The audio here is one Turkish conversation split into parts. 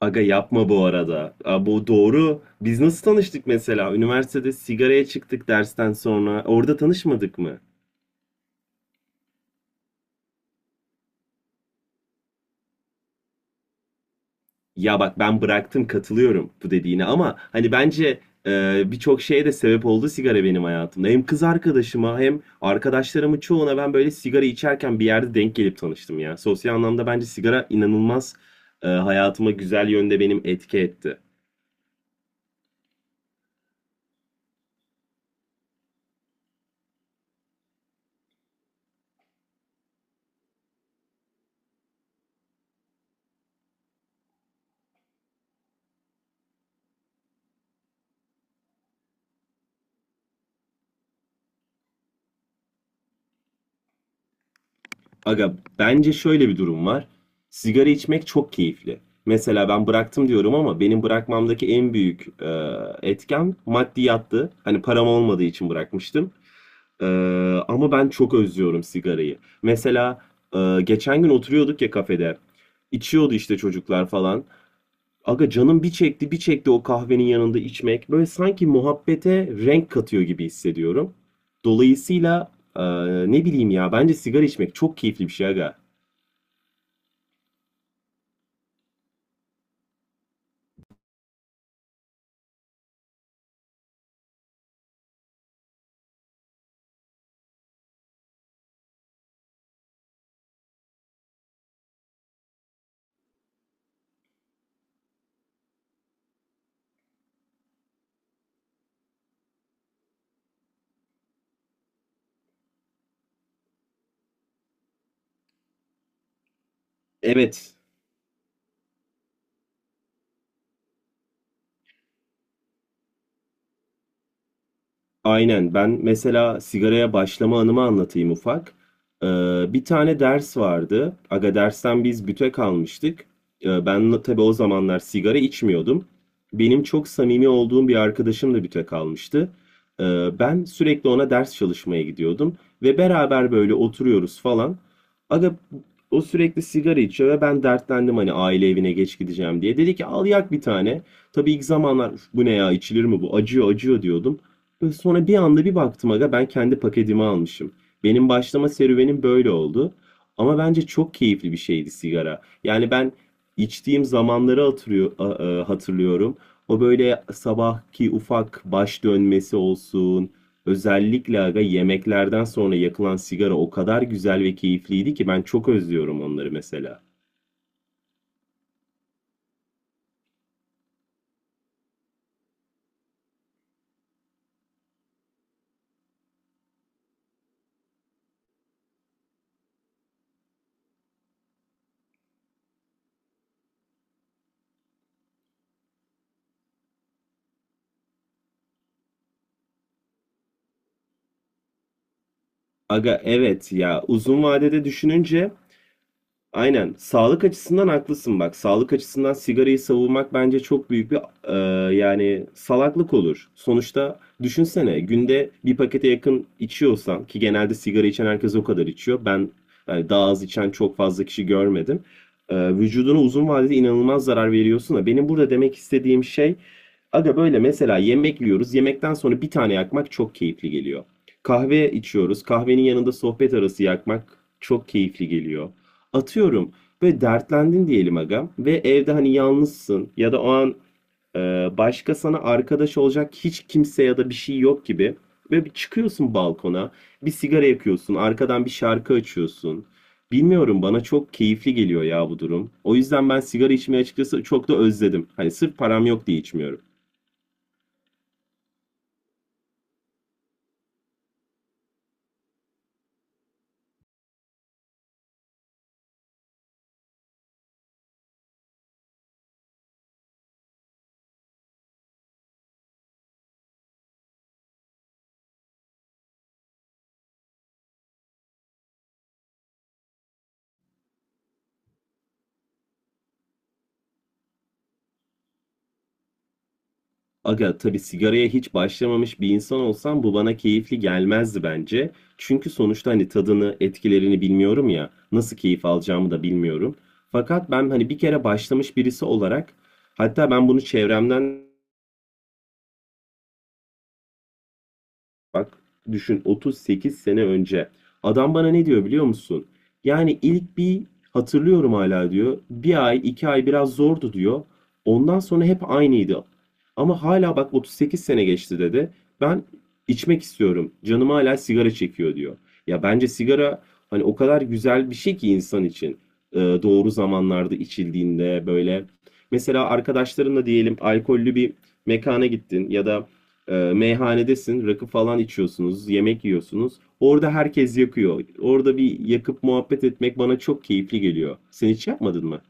Aga yapma bu arada. Aa, bu doğru. Biz nasıl tanıştık mesela? Üniversitede sigaraya çıktık dersten sonra. Orada tanışmadık mı? Ya bak, ben bıraktım, katılıyorum bu dediğine, ama hani bence birçok şeye de sebep oldu sigara benim hayatımda. Hem kız arkadaşıma hem arkadaşlarımın çoğuna ben böyle sigara içerken bir yerde denk gelip tanıştım ya. Sosyal anlamda bence sigara inanılmaz, hayatıma güzel yönde benim etki etti. Aga, bence şöyle bir durum var. Sigara içmek çok keyifli. Mesela ben bıraktım diyorum ama benim bırakmamdaki en büyük etken maddiyattı. Hani param olmadığı için bırakmıştım. E, Ama ben çok özlüyorum sigarayı. Mesela geçen gün oturuyorduk ya kafede. İçiyordu işte çocuklar falan. Aga, canım bir çekti bir çekti o kahvenin yanında içmek. Böyle sanki muhabbete renk katıyor gibi hissediyorum. Dolayısıyla e, ne bileyim ya, bence sigara içmek çok keyifli bir şey aga. Evet. Aynen. Ben mesela sigaraya başlama anımı anlatayım ufak. Ee, Bir tane ders vardı. Aga, dersten biz bütek almıştık. Ben de tabii o zamanlar sigara içmiyordum. Benim çok samimi olduğum bir arkadaşım da bütek almıştı. Ee, Ben sürekli ona ders çalışmaya gidiyordum. Ve beraber böyle oturuyoruz falan. Aga, o sürekli sigara içiyor ve ben dertlendim hani aile evine geç gideceğim diye. Dedi ki, al yak bir tane. Tabii ilk zamanlar "Üf, bu ne ya, içilir mi bu, acıyor acıyor" diyordum. Sonra bir anda bir baktım aga, ben kendi paketimi almışım. Benim başlama serüvenim böyle oldu. Ama bence çok keyifli bir şeydi sigara. Yani ben içtiğim zamanları hatırlıyorum. O böyle sabahki ufak baş dönmesi olsun. Özellikle aga, yemeklerden sonra yakılan sigara o kadar güzel ve keyifliydi ki ben çok özlüyorum onları mesela. Aga evet ya, uzun vadede düşününce. Aynen. Sağlık açısından haklısın bak. Sağlık açısından sigarayı savunmak bence çok büyük bir yani salaklık olur. Sonuçta düşünsene, günde bir pakete yakın içiyorsan ki genelde sigara içen herkes o kadar içiyor. Ben yani daha az içen çok fazla kişi görmedim. Vücuduna uzun vadede inanılmaz zarar veriyorsun da benim burada demek istediğim şey aga, böyle mesela yemek yiyoruz. Yemekten sonra bir tane yakmak çok keyifli geliyor. Kahve içiyoruz. Kahvenin yanında sohbet arası yakmak çok keyifli geliyor. Atıyorum, böyle dertlendin diyelim agam, ve evde hani yalnızsın ya da o an e, başka sana arkadaş olacak hiç kimse ya da bir şey yok gibi. Ve bir çıkıyorsun balkona, bir sigara yakıyorsun, arkadan bir şarkı açıyorsun. Bilmiyorum, bana çok keyifli geliyor ya bu durum. O yüzden ben sigara içmeyi açıkçası çok da özledim. Hani sırf param yok diye içmiyorum. Aga tabii, sigaraya hiç başlamamış bir insan olsam bu bana keyifli gelmezdi bence. Çünkü sonuçta hani tadını, etkilerini bilmiyorum ya. Nasıl keyif alacağımı da bilmiyorum. Fakat ben hani bir kere başlamış birisi olarak, hatta ben bunu çevremden. Bak, düşün, 38 sene önce. Adam bana ne diyor biliyor musun? Yani ilk bir hatırlıyorum hala diyor. Bir ay, iki ay biraz zordu diyor. Ondan sonra hep aynıydı. Ama hala bak, 38 sene geçti dedi. Ben içmek istiyorum, canım hala sigara çekiyor diyor. Ya, bence sigara hani o kadar güzel bir şey ki insan için. Doğru zamanlarda içildiğinde böyle. Mesela arkadaşlarınla diyelim alkollü bir mekana gittin, ya da meyhanedesin, rakı falan içiyorsunuz, yemek yiyorsunuz. Orada herkes yakıyor. Orada bir yakıp muhabbet etmek bana çok keyifli geliyor. Sen hiç yapmadın mı?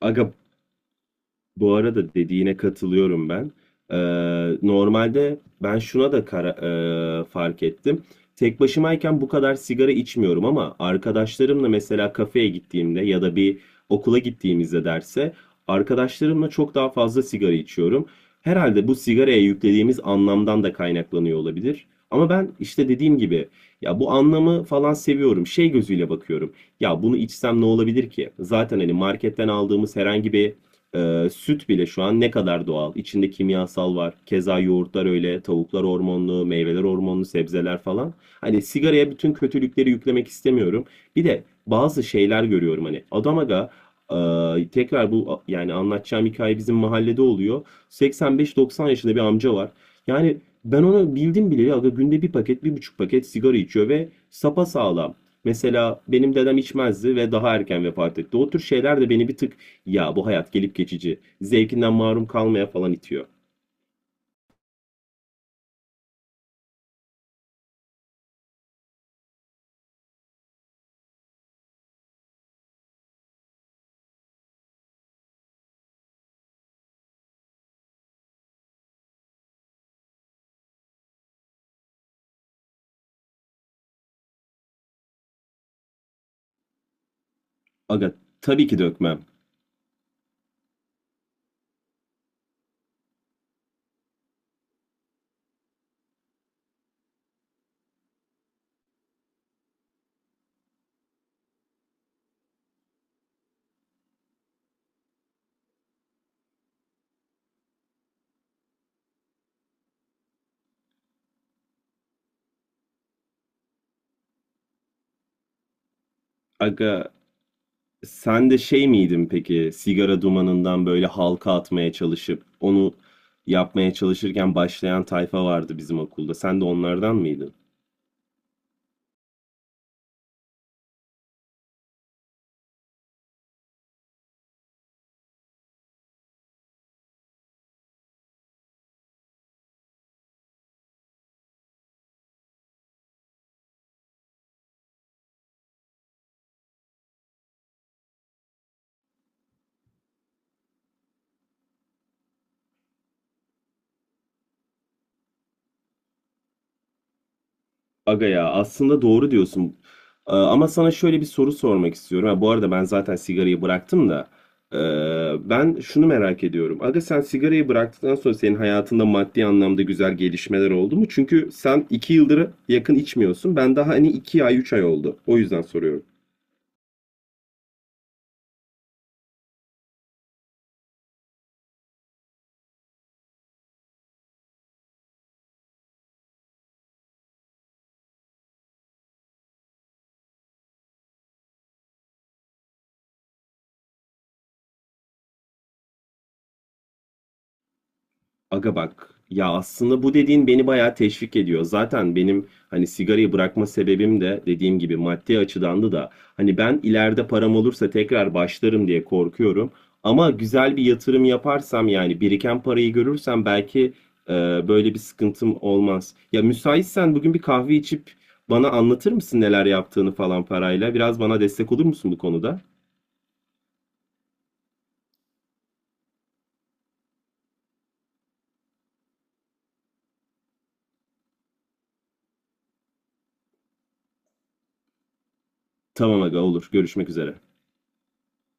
Aga, bu arada dediğine katılıyorum ben. Ee, Normalde ben şuna da fark ettim. Tek başımayken bu kadar sigara içmiyorum ama arkadaşlarımla mesela kafeye gittiğimde ya da bir okula gittiğimizde derse, arkadaşlarımla çok daha fazla sigara içiyorum. Herhalde bu sigaraya yüklediğimiz anlamdan da kaynaklanıyor olabilir. Ama ben işte dediğim gibi, ya bu anlamı falan seviyorum. Şey gözüyle bakıyorum. Ya bunu içsem ne olabilir ki? Zaten hani marketten aldığımız herhangi bir süt bile şu an ne kadar doğal. İçinde kimyasal var. Keza yoğurtlar öyle, tavuklar hormonlu, meyveler hormonlu, sebzeler falan. Hani sigaraya bütün kötülükleri yüklemek istemiyorum. Bir de bazı şeyler görüyorum hani. Adam aga, tekrar bu yani anlatacağım hikaye bizim mahallede oluyor. 85-90 yaşında bir amca var. Yani ben onu bildim bileli aga, günde bir paket, 1,5 paket sigara içiyor ve sapasağlam. Mesela benim dedem içmezdi ve daha erken vefat etti. O tür şeyler de beni bir tık, ya bu hayat gelip geçici, zevkinden mahrum kalmaya falan itiyor. Aga tabii ki dökmem. Aga, sen de şey miydin peki, sigara dumanından böyle halka atmaya çalışıp onu yapmaya çalışırken başlayan tayfa vardı bizim okulda. Sen de onlardan mıydın? Aga ya, aslında doğru diyorsun. Ama sana şöyle bir soru sormak istiyorum. Ha, bu arada ben zaten sigarayı bıraktım da. Ben şunu merak ediyorum. Aga, sen sigarayı bıraktıktan sonra senin hayatında maddi anlamda güzel gelişmeler oldu mu? Çünkü sen 2 yıldır yakın içmiyorsun. Ben daha hani 2 ay, 3 ay oldu. O yüzden soruyorum. Aga bak ya, aslında bu dediğin beni bayağı teşvik ediyor. Zaten benim hani sigarayı bırakma sebebim de dediğim gibi maddi açıdandı da, hani ben ileride param olursa tekrar başlarım diye korkuyorum. Ama güzel bir yatırım yaparsam, yani biriken parayı görürsem, belki e, böyle bir sıkıntım olmaz. Ya müsaitsen bugün bir kahve içip bana anlatır mısın neler yaptığını falan parayla? Biraz bana destek olur musun bu konuda? Tamam aga, olur. Görüşmek üzere.